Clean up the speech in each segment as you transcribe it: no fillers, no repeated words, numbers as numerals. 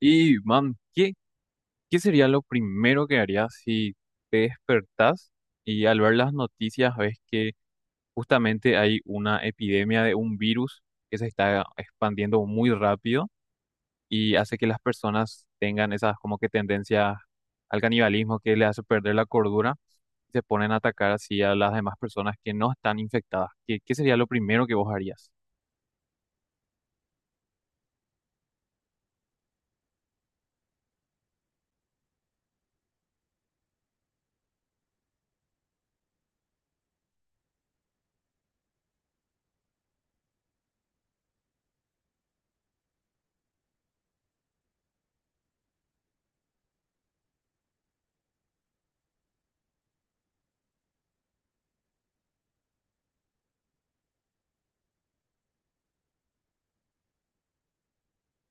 Y, man, ¿Qué sería lo primero que harías si te despertás y al ver las noticias ves que justamente hay una epidemia de un virus que se está expandiendo muy rápido y hace que las personas tengan esas como que tendencias al canibalismo que le hace perder la cordura y se ponen a atacar así a las demás personas que no están infectadas? ¿Qué sería lo primero que vos harías?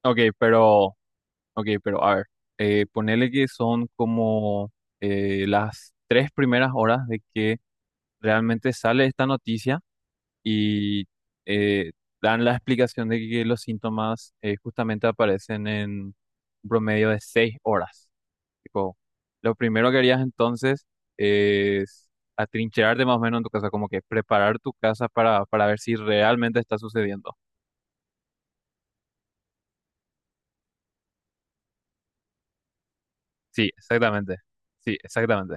Ok, pero Ok, pero a ver, ponele que son como las 3 primeras horas de que realmente sale esta noticia y eh, dan la explicación de que los síntomas justamente aparecen en un promedio de 6 horas. Tipo, lo primero que harías entonces es atrincherarte más o menos en tu casa, como que preparar tu casa para ver si realmente está sucediendo. Sí, exactamente. Sí, exactamente.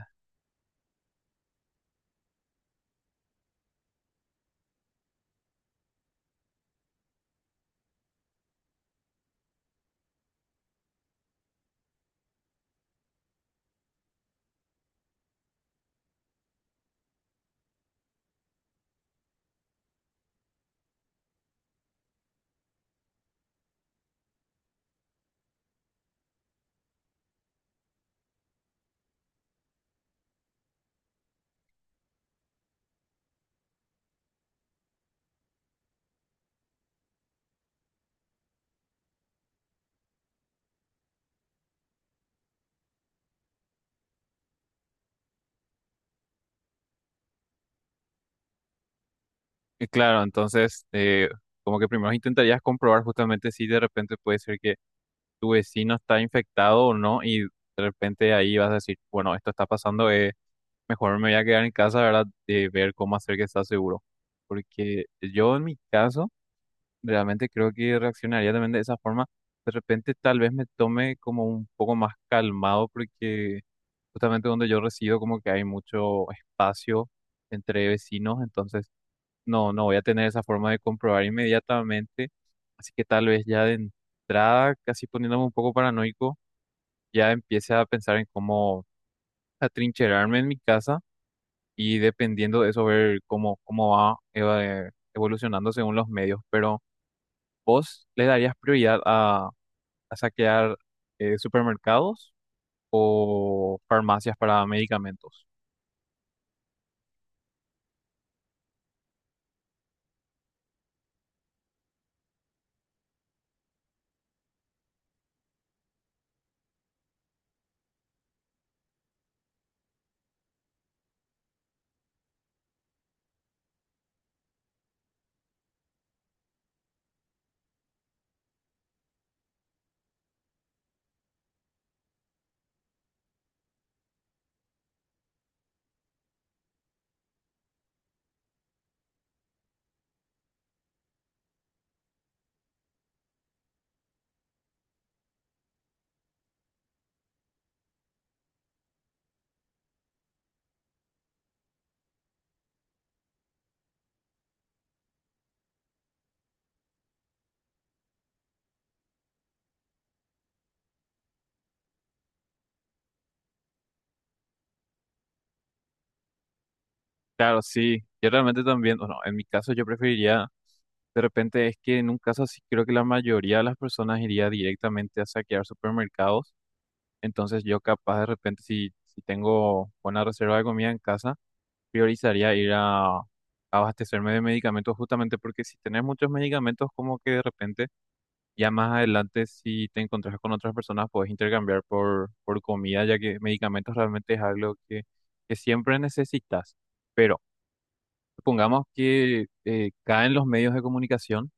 Y claro, entonces, como que primero intentarías comprobar justamente si de repente puede ser que tu vecino está infectado o no, y de repente ahí vas a decir, bueno, esto está pasando, mejor me voy a quedar en casa, ¿verdad? De ver cómo hacer que está seguro. Porque yo en mi caso, realmente creo que reaccionaría también de esa forma. De repente tal vez me tome como un poco más calmado, porque justamente donde yo resido como que hay mucho espacio entre vecinos, entonces no voy a tener esa forma de comprobar inmediatamente, así que tal vez ya de entrada, casi poniéndome un poco paranoico, ya empiece a pensar en cómo atrincherarme en mi casa y dependiendo de eso ver cómo, cómo va evolucionando según los medios. Pero ¿vos le darías prioridad a saquear supermercados o farmacias para medicamentos? Claro, sí, yo realmente también, bueno, en mi caso yo preferiría. De repente es que en un caso así creo que la mayoría de las personas iría directamente a saquear supermercados. Entonces yo capaz de repente si tengo buena reserva de comida en casa, priorizaría ir a abastecerme de medicamentos justamente porque si tenés muchos medicamentos como que de repente ya más adelante si te encontrás con otras personas puedes intercambiar por comida ya que medicamentos realmente es algo que siempre necesitas. Pero supongamos que caen los medios de comunicación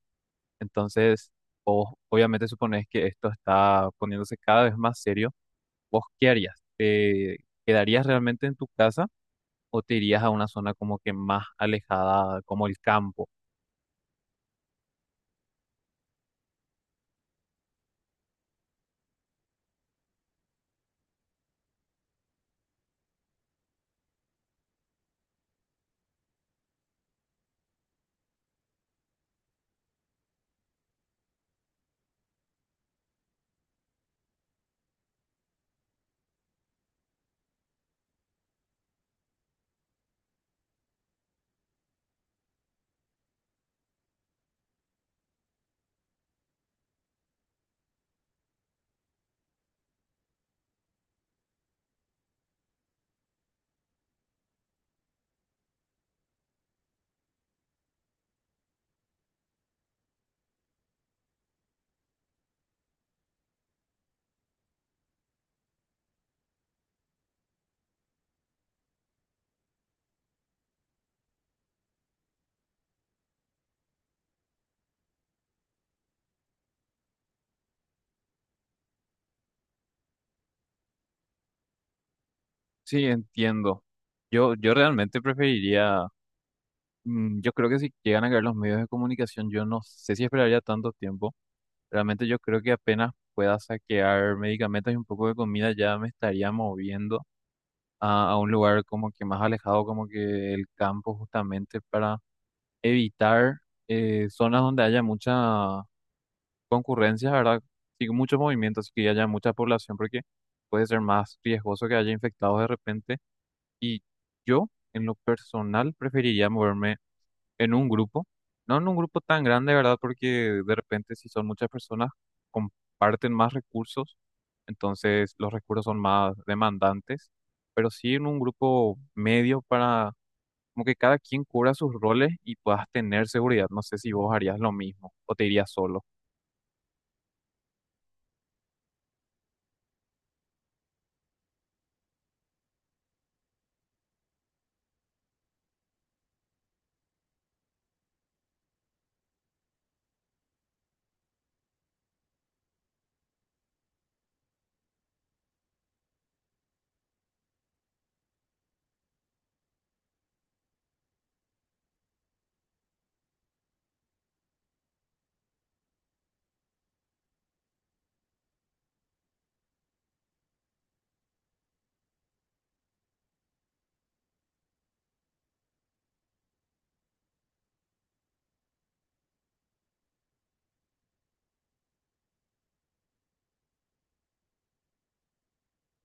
entonces, vos obviamente suponés que esto está poniéndose cada vez más serio. ¿Vos qué harías? ¿Te quedarías realmente en tu casa o te irías a una zona como que más alejada, como el campo? Sí, entiendo. Yo realmente preferiría, mm, yo creo que si llegan a caer los medios de comunicación, yo no sé si esperaría tanto tiempo. Realmente yo creo que apenas pueda saquear medicamentos y un poco de comida ya me estaría moviendo a un lugar como que más alejado, como que el campo justamente para evitar zonas donde haya mucha concurrencia, ¿verdad? Sí, muchos movimientos, así que haya mucha población, porque puede ser más riesgoso que haya infectados de repente. Y yo, en lo personal, preferiría moverme en un grupo, no en un grupo tan grande, ¿verdad? Porque de repente si son muchas personas, comparten más recursos, entonces los recursos son más demandantes, pero sí en un grupo medio para como que cada quien cubra sus roles y puedas tener seguridad. No sé si vos harías lo mismo o te irías solo.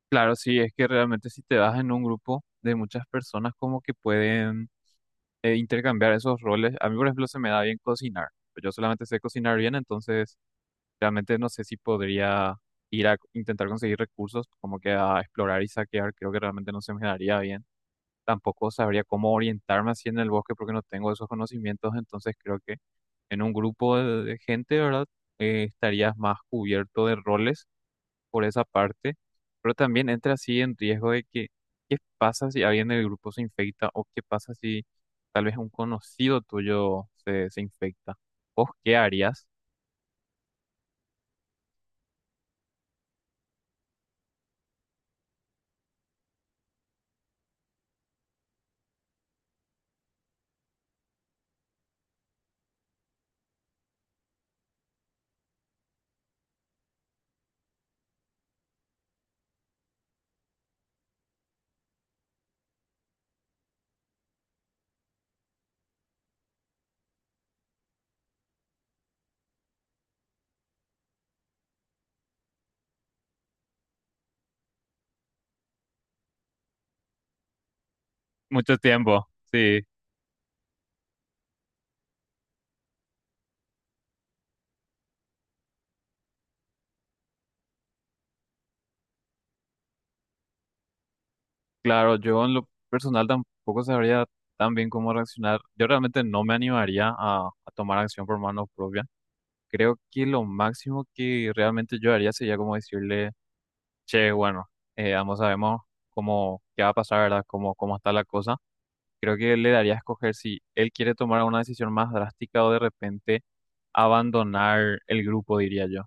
Claro, sí, es que realmente si te das en un grupo de muchas personas como que pueden intercambiar esos roles. A mí, por ejemplo, se me da bien cocinar. Yo solamente sé cocinar bien, entonces realmente no sé si podría ir a intentar conseguir recursos, como que a explorar y saquear, creo que realmente no se me daría bien. Tampoco sabría cómo orientarme así en el bosque porque no tengo esos conocimientos, entonces creo que en un grupo de gente, ¿verdad? Estarías más cubierto de roles por esa parte, pero también entra así en riesgo de que, ¿qué pasa si alguien del grupo se infecta o qué pasa si tal vez un conocido tuyo se infecta? ¿Vos qué harías? Mucho tiempo, sí. Claro, yo en lo personal tampoco sabría tan bien cómo reaccionar. Yo realmente no me animaría a tomar acción por mano propia. Creo que lo máximo que realmente yo haría sería como decirle, che, bueno, ambos sabemos cómo, qué va a pasar, ¿verdad? Cómo, cómo está la cosa. Creo que le daría a escoger si él quiere tomar una decisión más drástica o de repente abandonar el grupo, diría yo.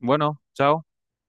Bueno, chao.